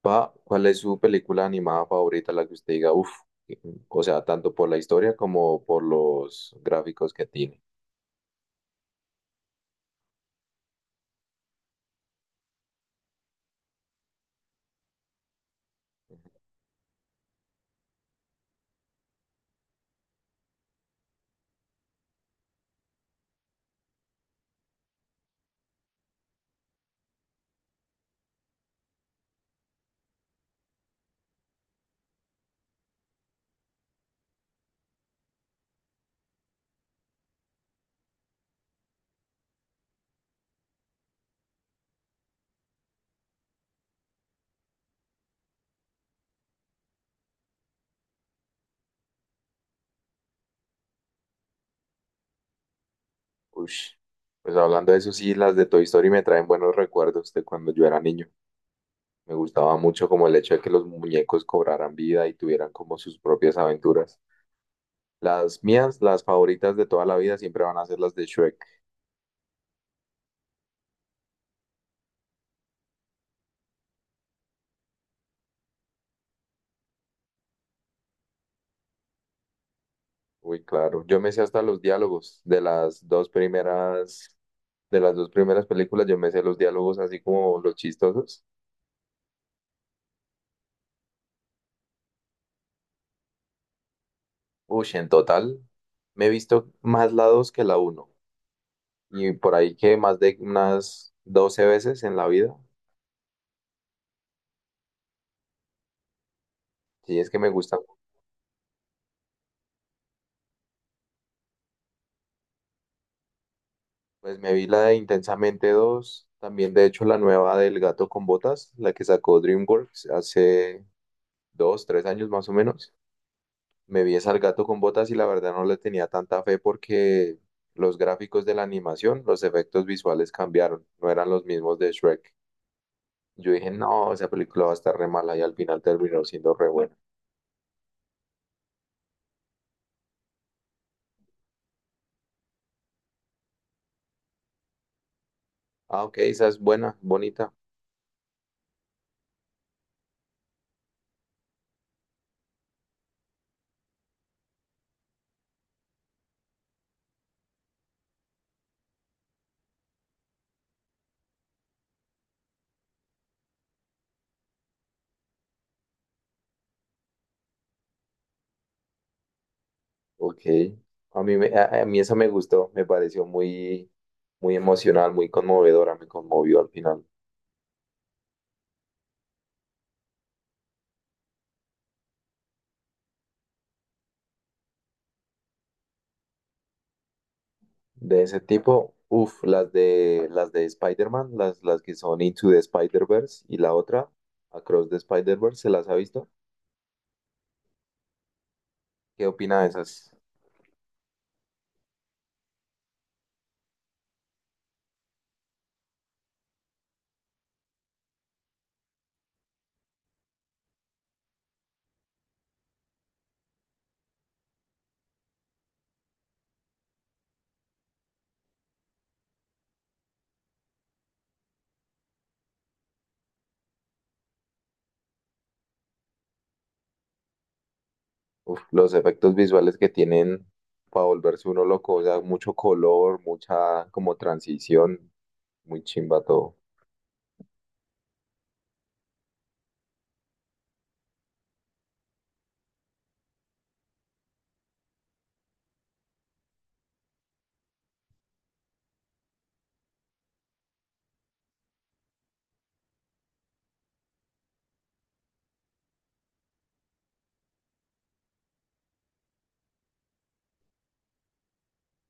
Pa, ¿cuál es su película animada favorita, la que usted diga, uff, o sea, tanto por la historia como por los gráficos que tiene? Ush. Pues hablando de eso, sí, las de Toy Story me traen buenos recuerdos de cuando yo era niño. Me gustaba mucho como el hecho de que los muñecos cobraran vida y tuvieran como sus propias aventuras. Las mías, las favoritas de toda la vida, siempre van a ser las de Shrek. Uy, claro. Yo me sé hasta los diálogos de las dos primeras, de las dos primeras películas, yo me sé los diálogos así como los chistosos. Uy, en total me he visto más la 2 que la uno. Y por ahí que más de unas 12 veces en la vida. Si es que me gusta. Pues me vi la de Intensamente dos. También, de hecho, la nueva del Gato con Botas, la que sacó DreamWorks hace dos, tres años más o menos. Me vi esa al Gato con Botas y la verdad no le tenía tanta fe porque los gráficos de la animación, los efectos visuales cambiaron. No eran los mismos de Shrek. Yo dije, no, esa película va a estar re mala y al final terminó siendo re buena. Ah, ok, esa es buena, bonita. Ok. A mí, me, a mí esa me gustó, me pareció muy, muy emocional, muy conmovedora, me conmovió al final. De ese tipo, uff, las de Spider-Man, las que son Into the Spider-Verse y la otra, Across the Spider-Verse, ¿se las ha visto? ¿Qué opina de esas? Uf, los efectos visuales que tienen para volverse uno loco, o sea, mucho color, mucha como transición, muy chimba todo.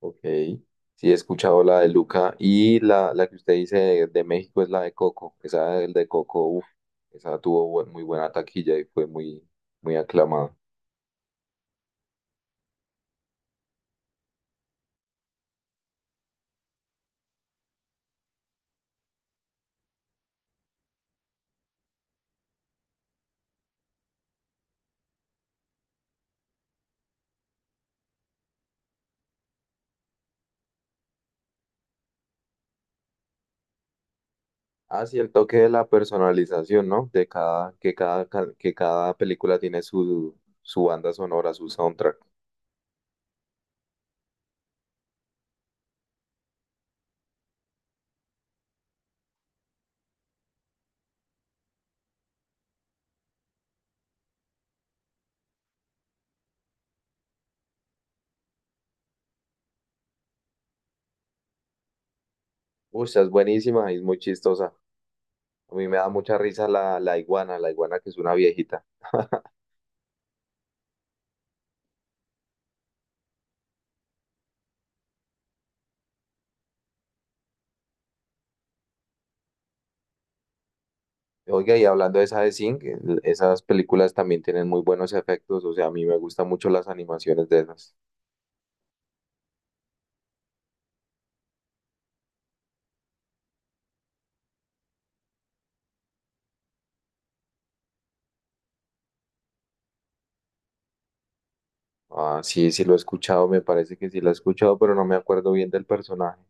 Ok, sí he escuchado la de Luca y la que usted dice de México es la de Coco, esa del de Coco, uf, esa tuvo muy buena taquilla y fue muy, muy aclamada. Ah, sí, el toque de la personalización, ¿no? De cada, que cada, que cada película tiene su, su banda sonora, su soundtrack. Uy, esa es buenísima y es muy chistosa. A mí me da mucha risa la iguana, la iguana que es una viejita. Oiga, y hablando de esa de Zinc, esas películas también tienen muy buenos efectos, o sea, a mí me gustan mucho las animaciones de esas. Ah, sí, sí lo he escuchado, me parece que sí lo he escuchado, pero no me acuerdo bien del personaje.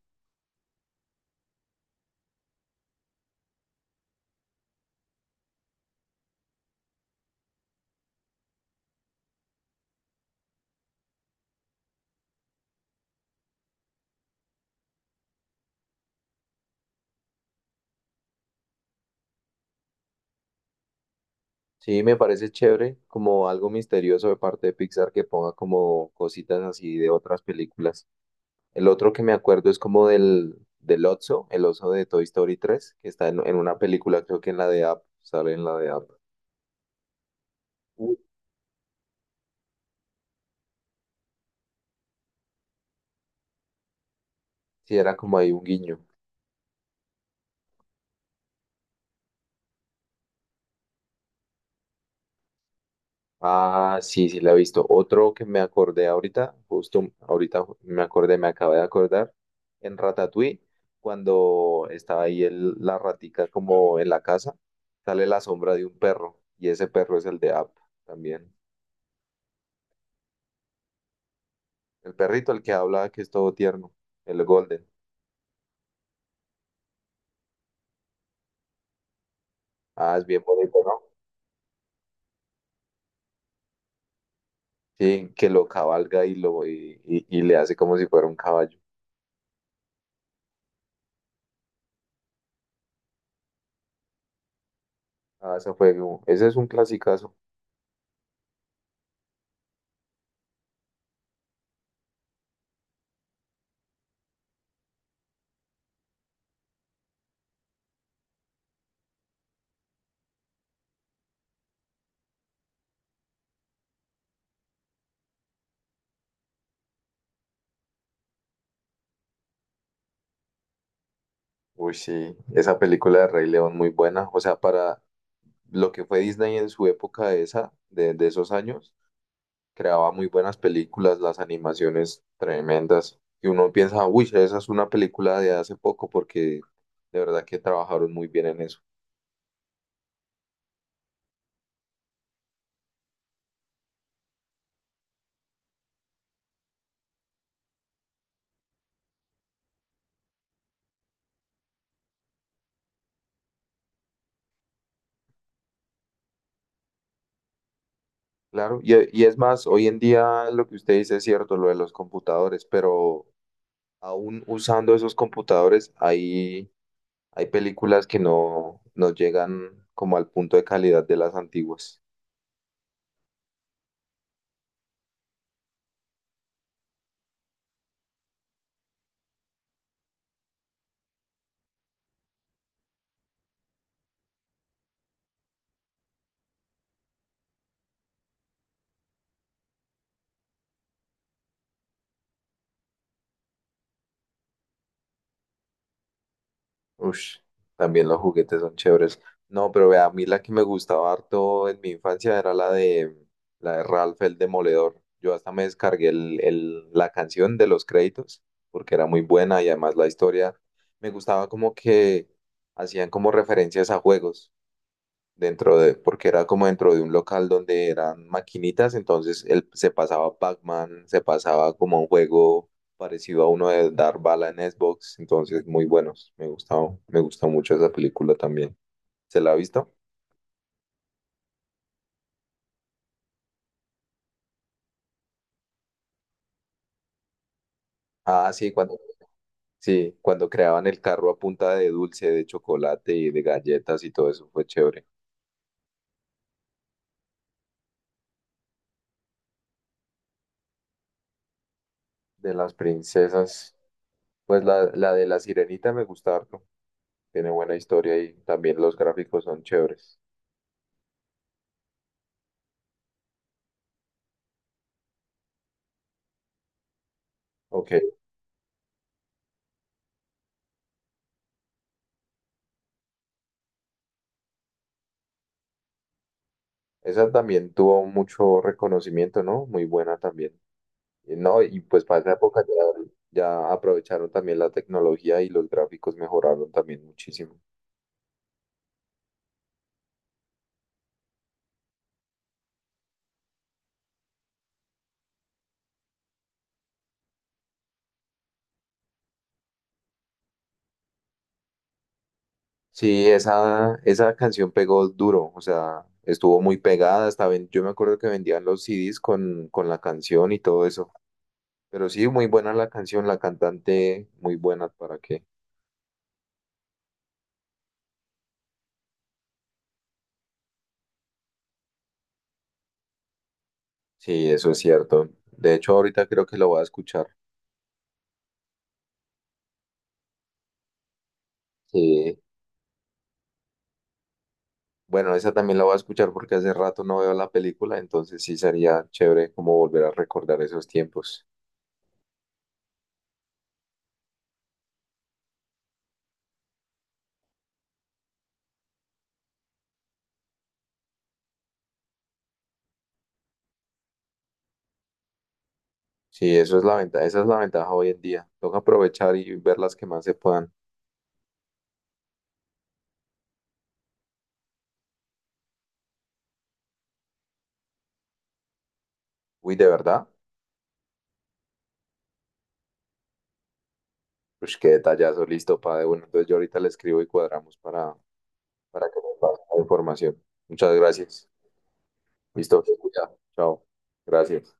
Sí, me parece chévere, como algo misterioso de parte de Pixar que ponga como cositas así de otras películas. El otro que me acuerdo es como del, del oso, el oso de Toy Story 3 que está en una película, creo que en la de App, sale en la de App. Uy. Sí, era como ahí un guiño. Ah, sí, sí, la he visto. Otro que me acordé ahorita, justo ahorita me acordé, me acabé de acordar, en Ratatouille, cuando estaba ahí la ratica como en la casa, sale la sombra de un perro, y ese perro es el de Up también. El perrito, el que habla, que es todo tierno, el Golden. Ah, es bien bonito, ¿no? Sí, que lo cabalga y le hace como si fuera un caballo. Ah, esa fue, ese es un clasicazo. Uy, sí, esa película de Rey León muy buena. O sea, para lo que fue Disney en su época de esa, de esos años, creaba muy buenas películas, las animaciones tremendas. Y uno piensa, uy, esa es una película de hace poco porque de verdad que trabajaron muy bien en eso. Claro, y es más, hoy en día lo que usted dice es cierto, lo de los computadores, pero aún usando esos computadores hay, hay películas que no, no llegan como al punto de calidad de las antiguas. Ush, también los juguetes son chéveres. No, pero vea, a mí la que me gustaba harto en mi infancia era la de Ralph el Demoledor. Yo hasta me descargué el, la canción de los créditos porque era muy buena y además la historia me gustaba como que hacían como referencias a juegos dentro de, porque era como dentro de un local donde eran maquinitas, entonces él se pasaba Pac-Man, se pasaba como un juego parecido a uno de dar bala en Xbox, entonces muy buenos, me gustaba, me gusta mucho esa película también. ¿Se la ha visto? Ah, sí, cuando creaban el carro a punta de dulce, de chocolate y de galletas y todo eso fue chévere. De las princesas, pues la de la sirenita me gusta harto, tiene buena historia y también los gráficos son chéveres. Ok. Esa también tuvo mucho reconocimiento, ¿no? Muy buena también. Y no, y pues para esa época ya, ya aprovecharon también la tecnología y los gráficos mejoraron también muchísimo. Sí, esa canción pegó duro, o sea, estuvo muy pegada, hasta yo me acuerdo que vendían los CDs con la canción y todo eso. Pero sí, muy buena la canción, la cantante, muy buena, ¿para qué? Sí, eso es cierto. De hecho, ahorita creo que la voy a escuchar. Sí, bueno, esa también la voy a escuchar porque hace rato no veo la película, entonces sí sería chévere como volver a recordar esos tiempos. Sí, eso es la ventaja, esa es la ventaja hoy en día. Toca aprovechar y ver las que más se puedan. Uy, de verdad, pues qué detallazo, listo, padre. Bueno, entonces yo ahorita le escribo y cuadramos para que me pase la información. Muchas gracias. Listo, cuidado. Chao. Gracias.